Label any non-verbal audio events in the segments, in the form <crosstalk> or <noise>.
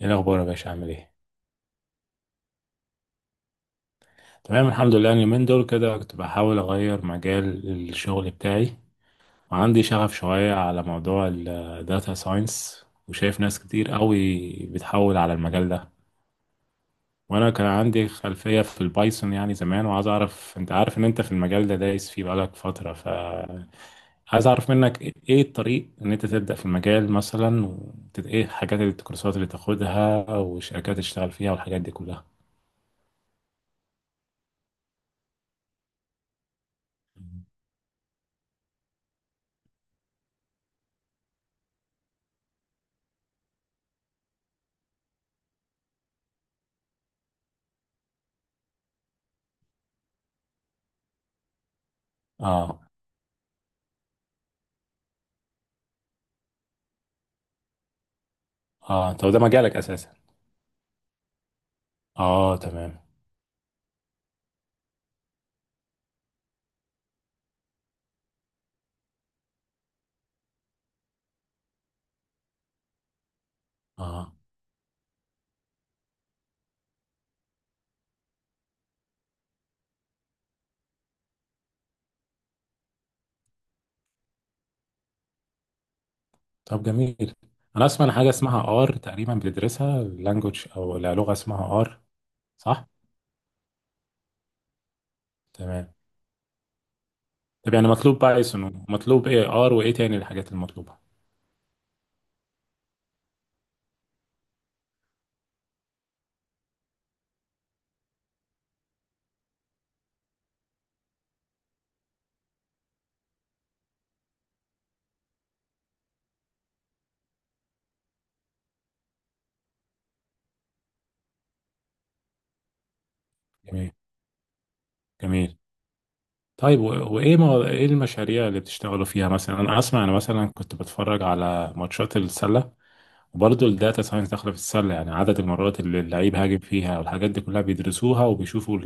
ايه الاخبار يا باشا؟ عامل ايه؟ تمام، الحمد لله. أنا اليومين دول كده كنت بحاول اغير مجال الشغل بتاعي، وعندي شغف شويه على موضوع الداتا ساينس، وشايف ناس كتير قوي بتحول على المجال ده. وانا كان عندي خلفيه في البايثون يعني زمان، وعايز اعرف، انت عارف ان انت في المجال ده دايس فيه بقالك فتره، عايز اعرف منك إيه الطريق ان انت تبدا في المجال مثلا، ايه الحاجات الكورسات اللي تاخدها والشركات اللي تشتغل فيها والحاجات دي كلها. اه. اه. طب ده مجالك اساسا؟ اه، تمام. اه، طب جميل. انا اسمع عن حاجه اسمها ار تقريبا، بتدرسها لانجوج، او لا، لغه اسمها ار، صح؟ تمام. طب يعني مطلوب بايثون، ومطلوب ايه؟ ار وايه تاني الحاجات المطلوبه؟ جميل. جميل. طيب وايه ايه المشاريع اللي بتشتغلوا فيها مثلا؟ انا اسمع، انا مثلا كنت بتفرج على ماتشات السله، وبرضه الداتا ساينس داخله في السله، يعني عدد المرات اللي اللعيب هاجم فيها والحاجات دي كلها بيدرسوها وبيشوفوا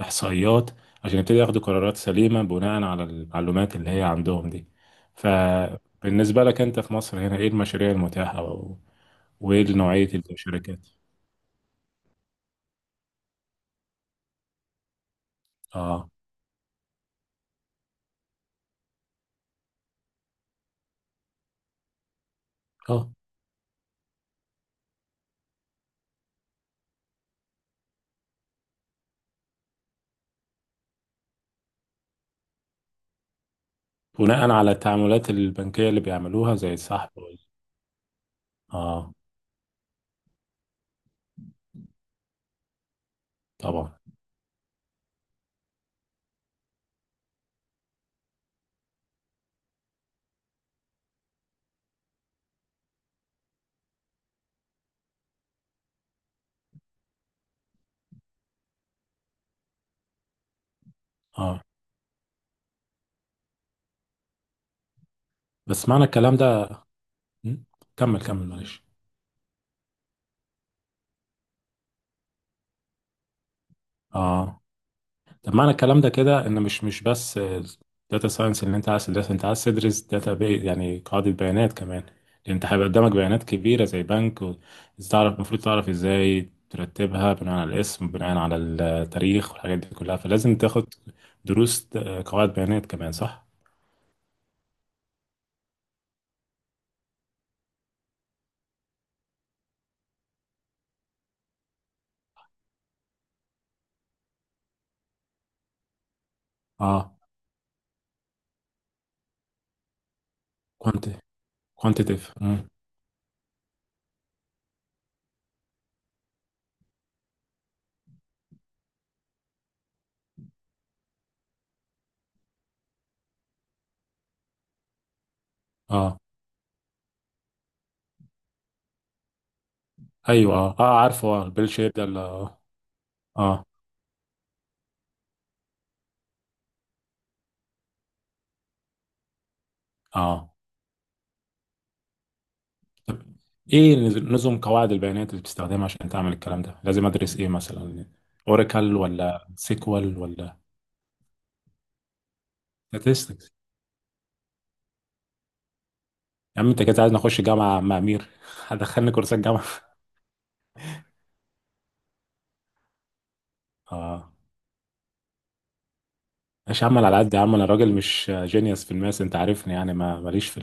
الاحصائيات عشان يبتدي ياخدوا قرارات سليمه بناء على المعلومات اللي هي عندهم دي. فبالنسبه لك انت في مصر هنا، ايه المشاريع المتاحه وايه نوعيه الشركات؟ اه. اه. بناء على التعاملات البنكيه اللي بيعملوها زي السحب اه، طبعا. اه، بس معنى الكلام ده... م? كمل، كمل، معلش. اه، طب معنى الكلام ده كده ان مش بس داتا ساينس اللي انت عايز تدرس انت عايز تدرس داتا بي، يعني قاعدة بيانات كمان، لان انت هيبقى قدامك بيانات كبيرة زي بنك المفروض تعرف ازاي ترتبها بناء على الاسم، بناء على التاريخ، والحاجات دي كلها، فلازم تاخد دروس قواعد بيانات كمان، صح؟ اه. كوانت كوانتيتيف. اه، ايوه، اه، اه، عارفه، اه، البيل شيب ده اه، اه. طب ايه نظم قواعد البيانات اللي بتستخدمها عشان تعمل الكلام ده؟ لازم ادرس ايه مثلا؟ اوراكل، ولا سيكوال، ولا statistics؟ يا عم انت كده عايز نخش جامعه مع امير <laughs> هدخلني كورسات جامعه <laughs> اه، ماشي يا عم. أنا على قد يا عم، انا راجل مش جينيوس في الماس، انت عارفني يعني، ما ماليش في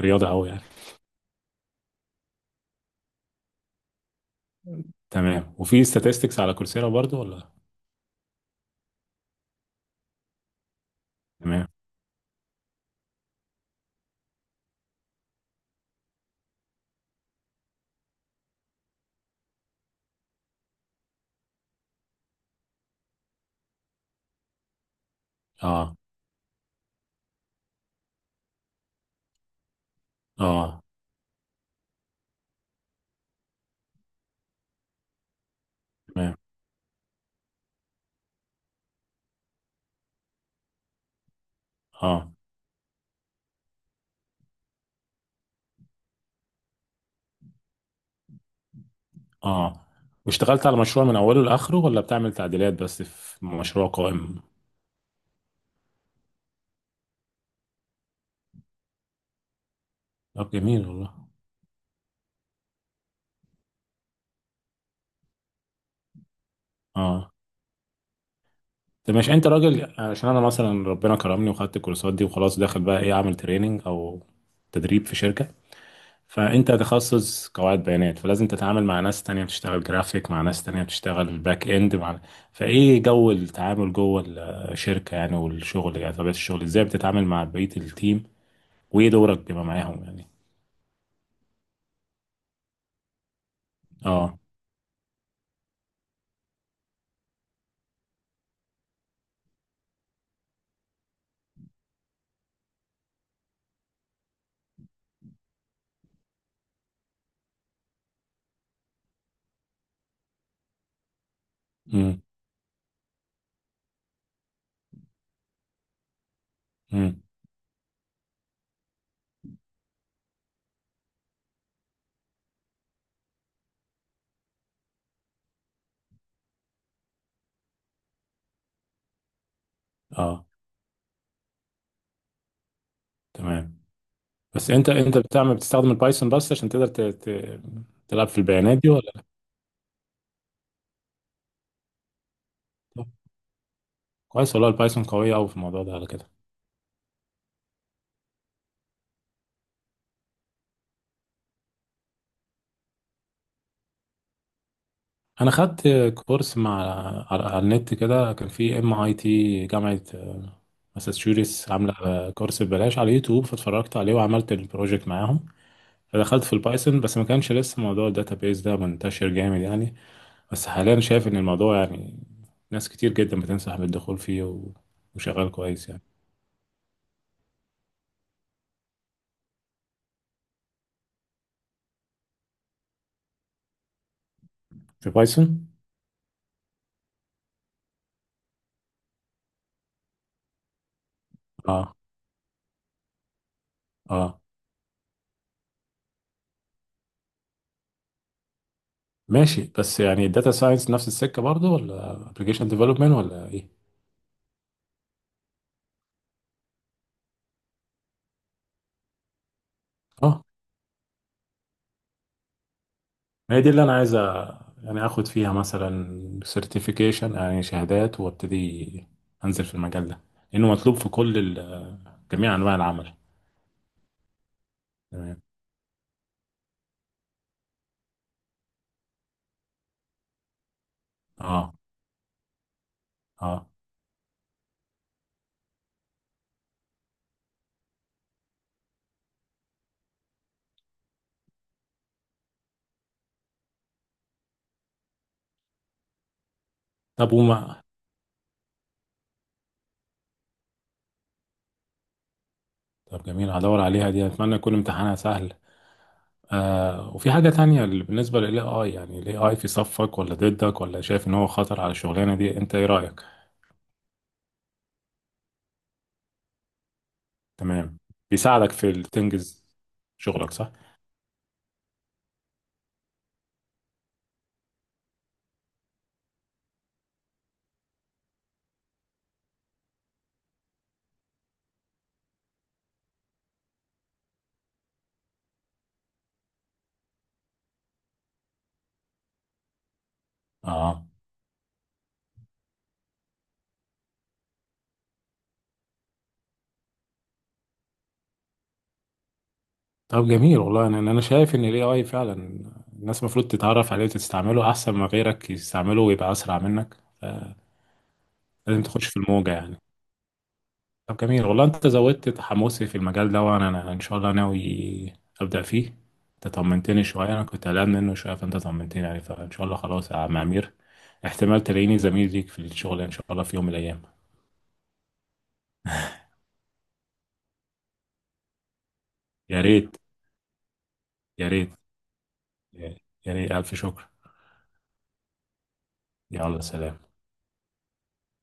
الرياضه قوي يعني. تمام. وفي statistics على كورسيرا برضو ولا؟ تمام. اه. اه. تمام. اه. اه. واشتغلت على مشروع من اوله لاخره، ولا بتعمل تعديلات بس في مشروع قائم؟ طب جميل والله. اه، طب مش انت راجل؟ عشان انا مثلا، ربنا كرمني وخدت الكورسات دي وخلاص، داخل بقى، ايه؟ اعمل تريننج او تدريب في شركة، فانت تخصص قواعد بيانات فلازم تتعامل مع ناس تانية بتشتغل جرافيك، مع ناس تانية بتشتغل باك اند، مع... فايه جو التعامل جوه الشركة يعني، والشغل يعني، طبيعة الشغل، ازاي بتتعامل مع بقية التيم؟ وايه دورك بما معاهم يعني؟ اه. امم امم اه. تمام. بس انت بتستخدم البايثون بس عشان تقدر تلعب في البيانات دي ولا؟ كويس والله، البايثون قوية أوي في الموضوع ده على كده. أنا خدت كورس مع على النت كده، كان في ام اي تي، جامعة ماساتشوستس، عاملة كورس ببلاش على يوتيوب، فاتفرجت عليه وعملت البروجكت معاهم. فدخلت في البايثون بس ما كانش لسه موضوع الداتابيز ده منتشر جامد يعني. بس حاليا شايف إن الموضوع يعني، ناس كتير جدا بتنصح بالدخول فيه وشغال كويس يعني. في بايثون. اه. اه، ماشي. بس يعني الداتا ساينس نفس السكة برضه، ولا ابلكيشن ديفلوبمنت، ولا ايه؟ اه. هي دي اللي انا عايز يعني اخد فيها مثلا سيرتيفيكيشن، يعني شهادات، وابتدي انزل في المجال ده لانه مطلوب في كل جميع انواع العمل. تمام. اه. اه، طب طب جميل، هدور عليها دي، اتمنى يكون امتحانها سهل. وفي حاجة تانية، اللي بالنسبة للاي اي يعني، الاي اي في صفك ولا ضدك؟ ولا شايف ان هو خطر على الشغلانة دي؟ انت ايه رأيك؟ تمام، بيساعدك في تنجز شغلك، صح؟ اه، طب جميل والله، انا شايف ان الاي اي فعلا الناس المفروض تتعرف عليه وتستعمله احسن ما غيرك يستعمله ويبقى اسرع منك. لازم تخش في الموجة يعني. طب جميل والله، انت زودت تحمسي في المجال ده، وانا ان شاء الله ناوي ابدا فيه. انت طمنتني شوية، انا كنت قلقان منه شوية، فانت طمنتني يعني، فان شاء الله خلاص يا عم امير، احتمال تلاقيني زميل ليك في الشغل ان شاء الله في يوم من الايام. يا ريت. يا ريت. يا ريت، الف شكر. يلا، سلام.